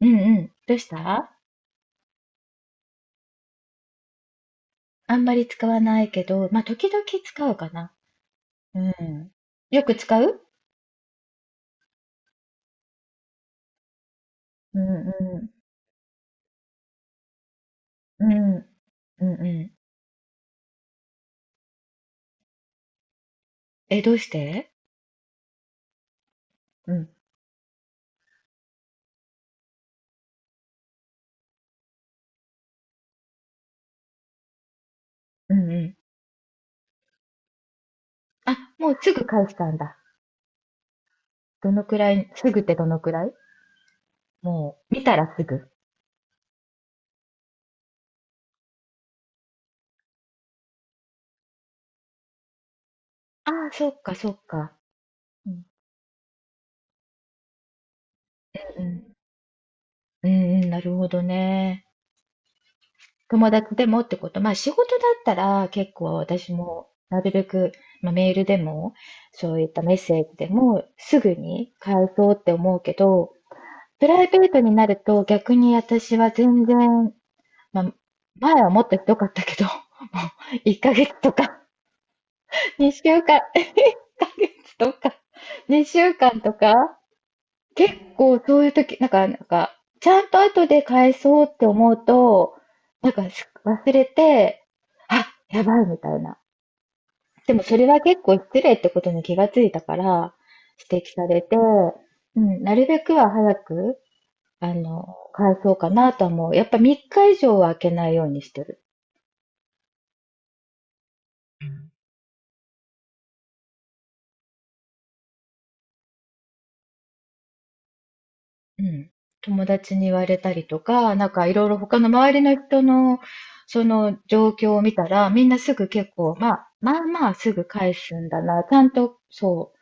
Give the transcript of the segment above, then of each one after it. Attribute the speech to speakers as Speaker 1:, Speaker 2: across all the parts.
Speaker 1: うんうん。どうした？あんまり使わないけど、まあ、時々使うかな。うん。よく使う？うんうん。うんうんうん。え、どうして？うんうんうん。あ、もうすぐ返したんだ。どのくらい、すぐってどのくらい？もう、見たらすぐ。ああ、そっかそっか。うんうん。うんうん、なるほどね。友達でもってこと？まあ仕事だったら結構私もなるべく、まあ、メールでもそういったメッセージでもすぐに返そうって思うけど、プライベートになると逆に私は全然、まあ、前はもっとひどかったけど、もう1ヶ月とか、2週間、1ヶ月とか、2週間とか、結構そういう時、ちゃんと後で返そうって思うと、なんかし忘れて、あ、やばいみたいな。でもそれは結構失礼ってことに気がついたから、指摘されて、うん、なるべくは早く、あの、返そうかなとは思う。やっぱ3日以上は空けないようにしてる。うん。友達に言われたりとか、なんかいろいろ他の周りの人のその状況を見たら、みんなすぐ結構、まあ、まあまあすぐ返すんだな。ちゃんと、そ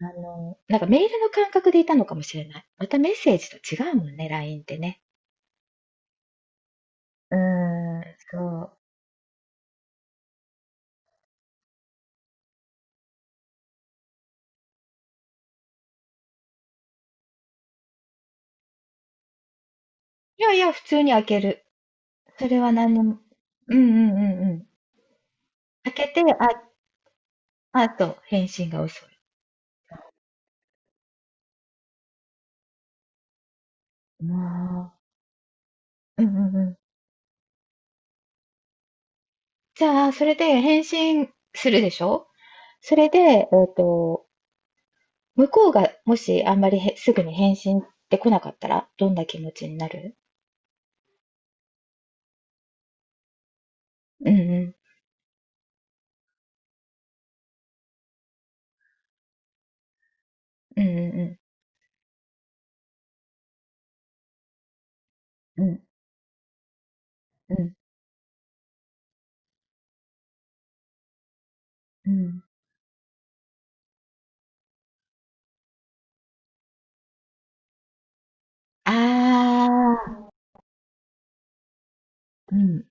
Speaker 1: う、なんかメールの感覚でいたのかもしれない。またメッセージと違うもんね、LINE ってね。うーん、そう。いやいや、普通に開ける。それは何にも。うんうんうんうん。開けて、あ、あと、返信が遅い。まあ、うんうんうん。じゃあ、それで返信するでしょ？それで、向こうがもしあんまりへすぐに返信って来なかったら、どんな気持ちになる？うんうん。うんうんうん。うんうんうん。ああ、うん。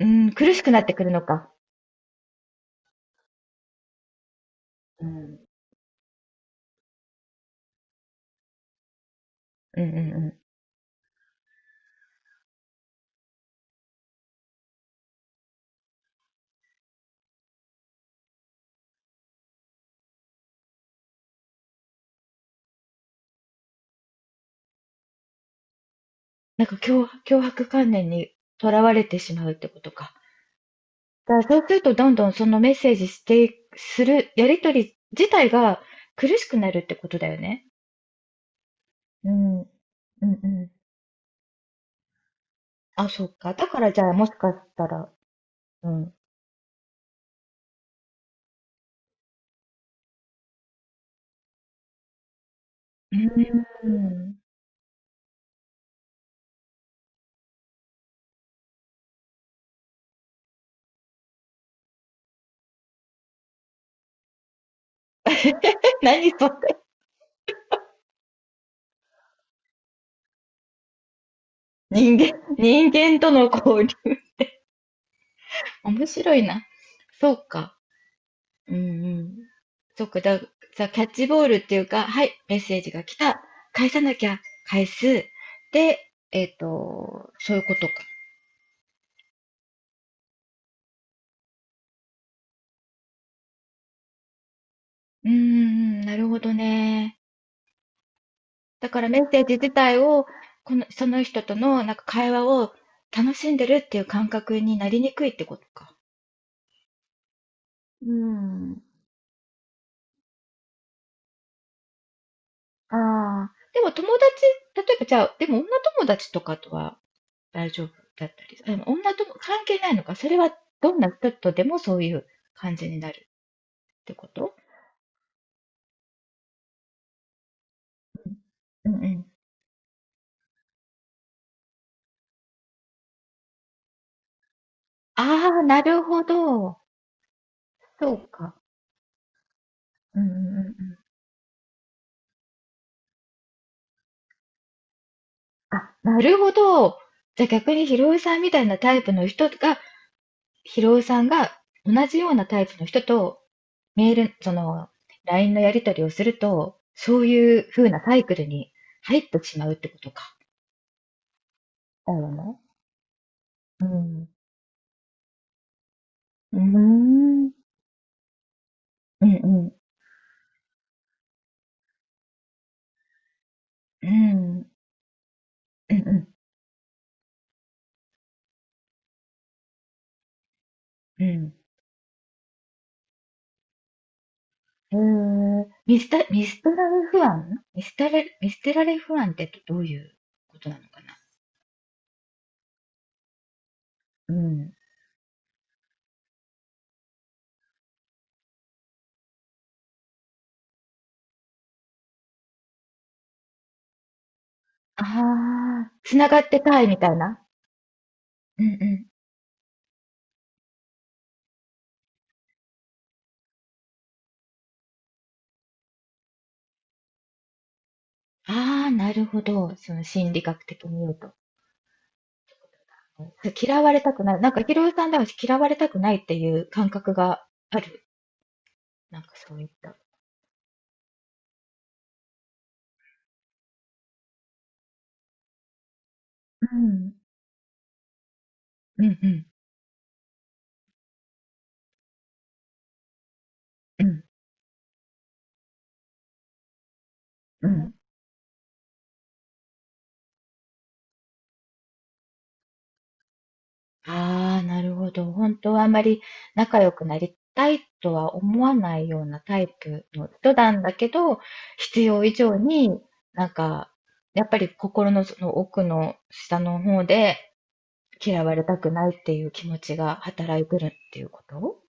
Speaker 1: うん、苦しくなってくるのか。うん。うんうんうん。脅迫観念にとらわれてしまうってことか。だからそうするとどんどんそのメッセージしていく、する、やりとり自体が苦しくなるってことだよね。うん、うんうん。あ、そっか。だからじゃあもしかしたら、うん。うーん。何それ？人間、人間との交流。面白いな。そうか。うんうん。そうか。キャッチボールっていうか、はい、メッセージが来た。返さなきゃ。返す。で、そういうことか。うーん、なるほどね。だからメッセージ自体を、その人とのなんか会話を楽しんでるっていう感覚になりにくいってことか。うん。ああ、でも友達、例えばじゃあ、でも女友達とかとは大丈夫だったり、でも女とも関係ないのか、それはどんな人とでもそういう感じになるってこと？うんうん。ああ、なるほど。そうか。うんうんうん。あ、なるほど。じゃあ逆にひろゆさんみたいなタイプの人が、ひろゆさんが同じようなタイプの人とメール、その LINE のやり取りをすると、そういう風なサイクルに入ってしまうってことか。だよね。うん。うーん。うんうん。うん。うんうん。うん。見捨てられ不安ミステラれ、見捨てら不安ってどういうことなのかな？うん。ああ、つながってたいみたいな。うんうん。ああ、なるほど。その心理学的に言うと。嫌われたくない。なんか、ヒロさんでは嫌われたくないっていう感覚がある。なんかそういった。うん。うんうん。うん。うん。ああ、なるほど。本当はあまり仲良くなりたいとは思わないようなタイプの人なんだけど、必要以上になんか、やっぱり心のその奥の下の方で嫌われたくないっていう気持ちが働いてるっていうこと？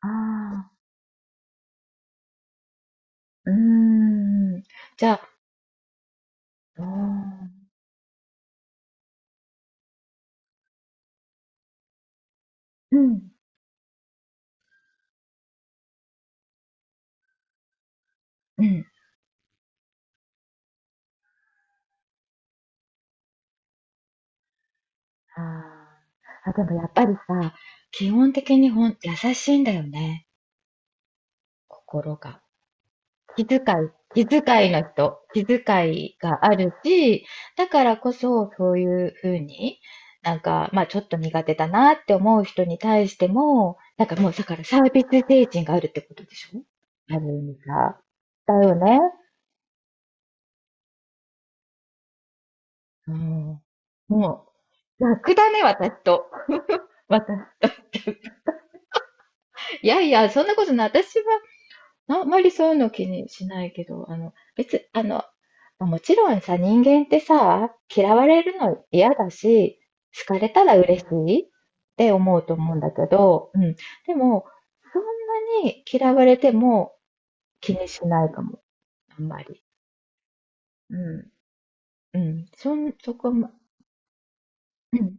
Speaker 1: ああ、うーん。じゃあ、うーん。うん、うん。あーあ、でもやっぱりさ、基本的に優しいんだよね、心が。気遣気遣いの人、気遣いがあるし、だからこそそういうふうに、なんか、まあちょっと苦手だなって思う人に対しても、なんかもうだからサービス精神があるってことでしょ？ある意味さ。だよね。うん。もう、楽だね、私と。私。いやいや、そんなことない。私はあんまりそういうの気にしないけど、あの、別、あの、もちろんさ、人間ってさ、嫌われるの嫌だし、好かれたら嬉しいって思うと思うんだけど、うん。でも、そんなに嫌われても気にしないかも、あんまり。うん。うん。そん、そこま、うん。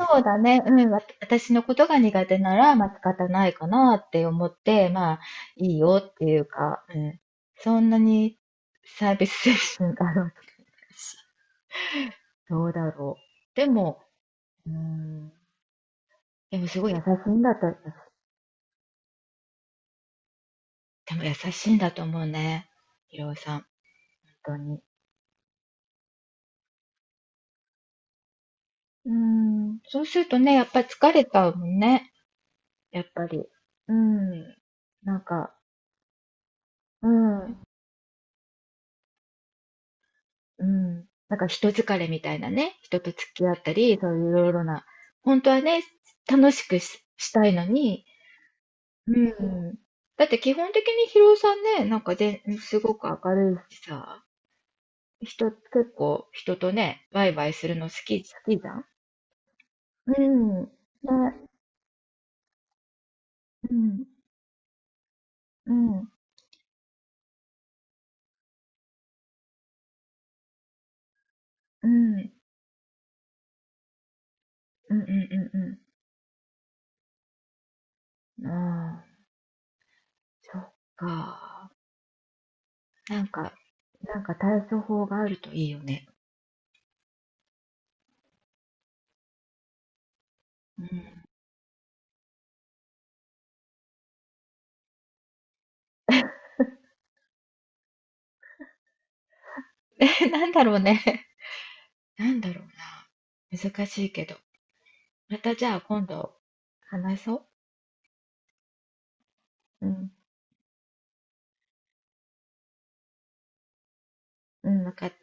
Speaker 1: そうだね。うん。私のことが苦手なら、まあ、仕方ないかなって思って、まあ、いいよっていうか、うん。そんなにサービス精神があるわけだし、どうだろう。でも、うん。でもすごい優しいんだと、でも優しいんだと思うね。ひろおさん、本当に。うん。そうするとね、やっぱ疲れたもんね。やっぱり。うん。なんか、うん。うん。なんか人疲れみたいなね、人と付き合ったり、そういういろいろな、本当はね、楽しくし、したいのに、うん。だって基本的にヒロさんね、なんかすごく明るいしさ、結構人とね、ワイワイするの好きじゃん？うん。ね、うん、うん、うん、うん、うん、うん、うん。ああ、そっか。なんか、なんか対処法があるといいよね。うん。なんだろうね。なんだろうな。難しいけど。またじゃあ今度話そう。うん。うん、わかった。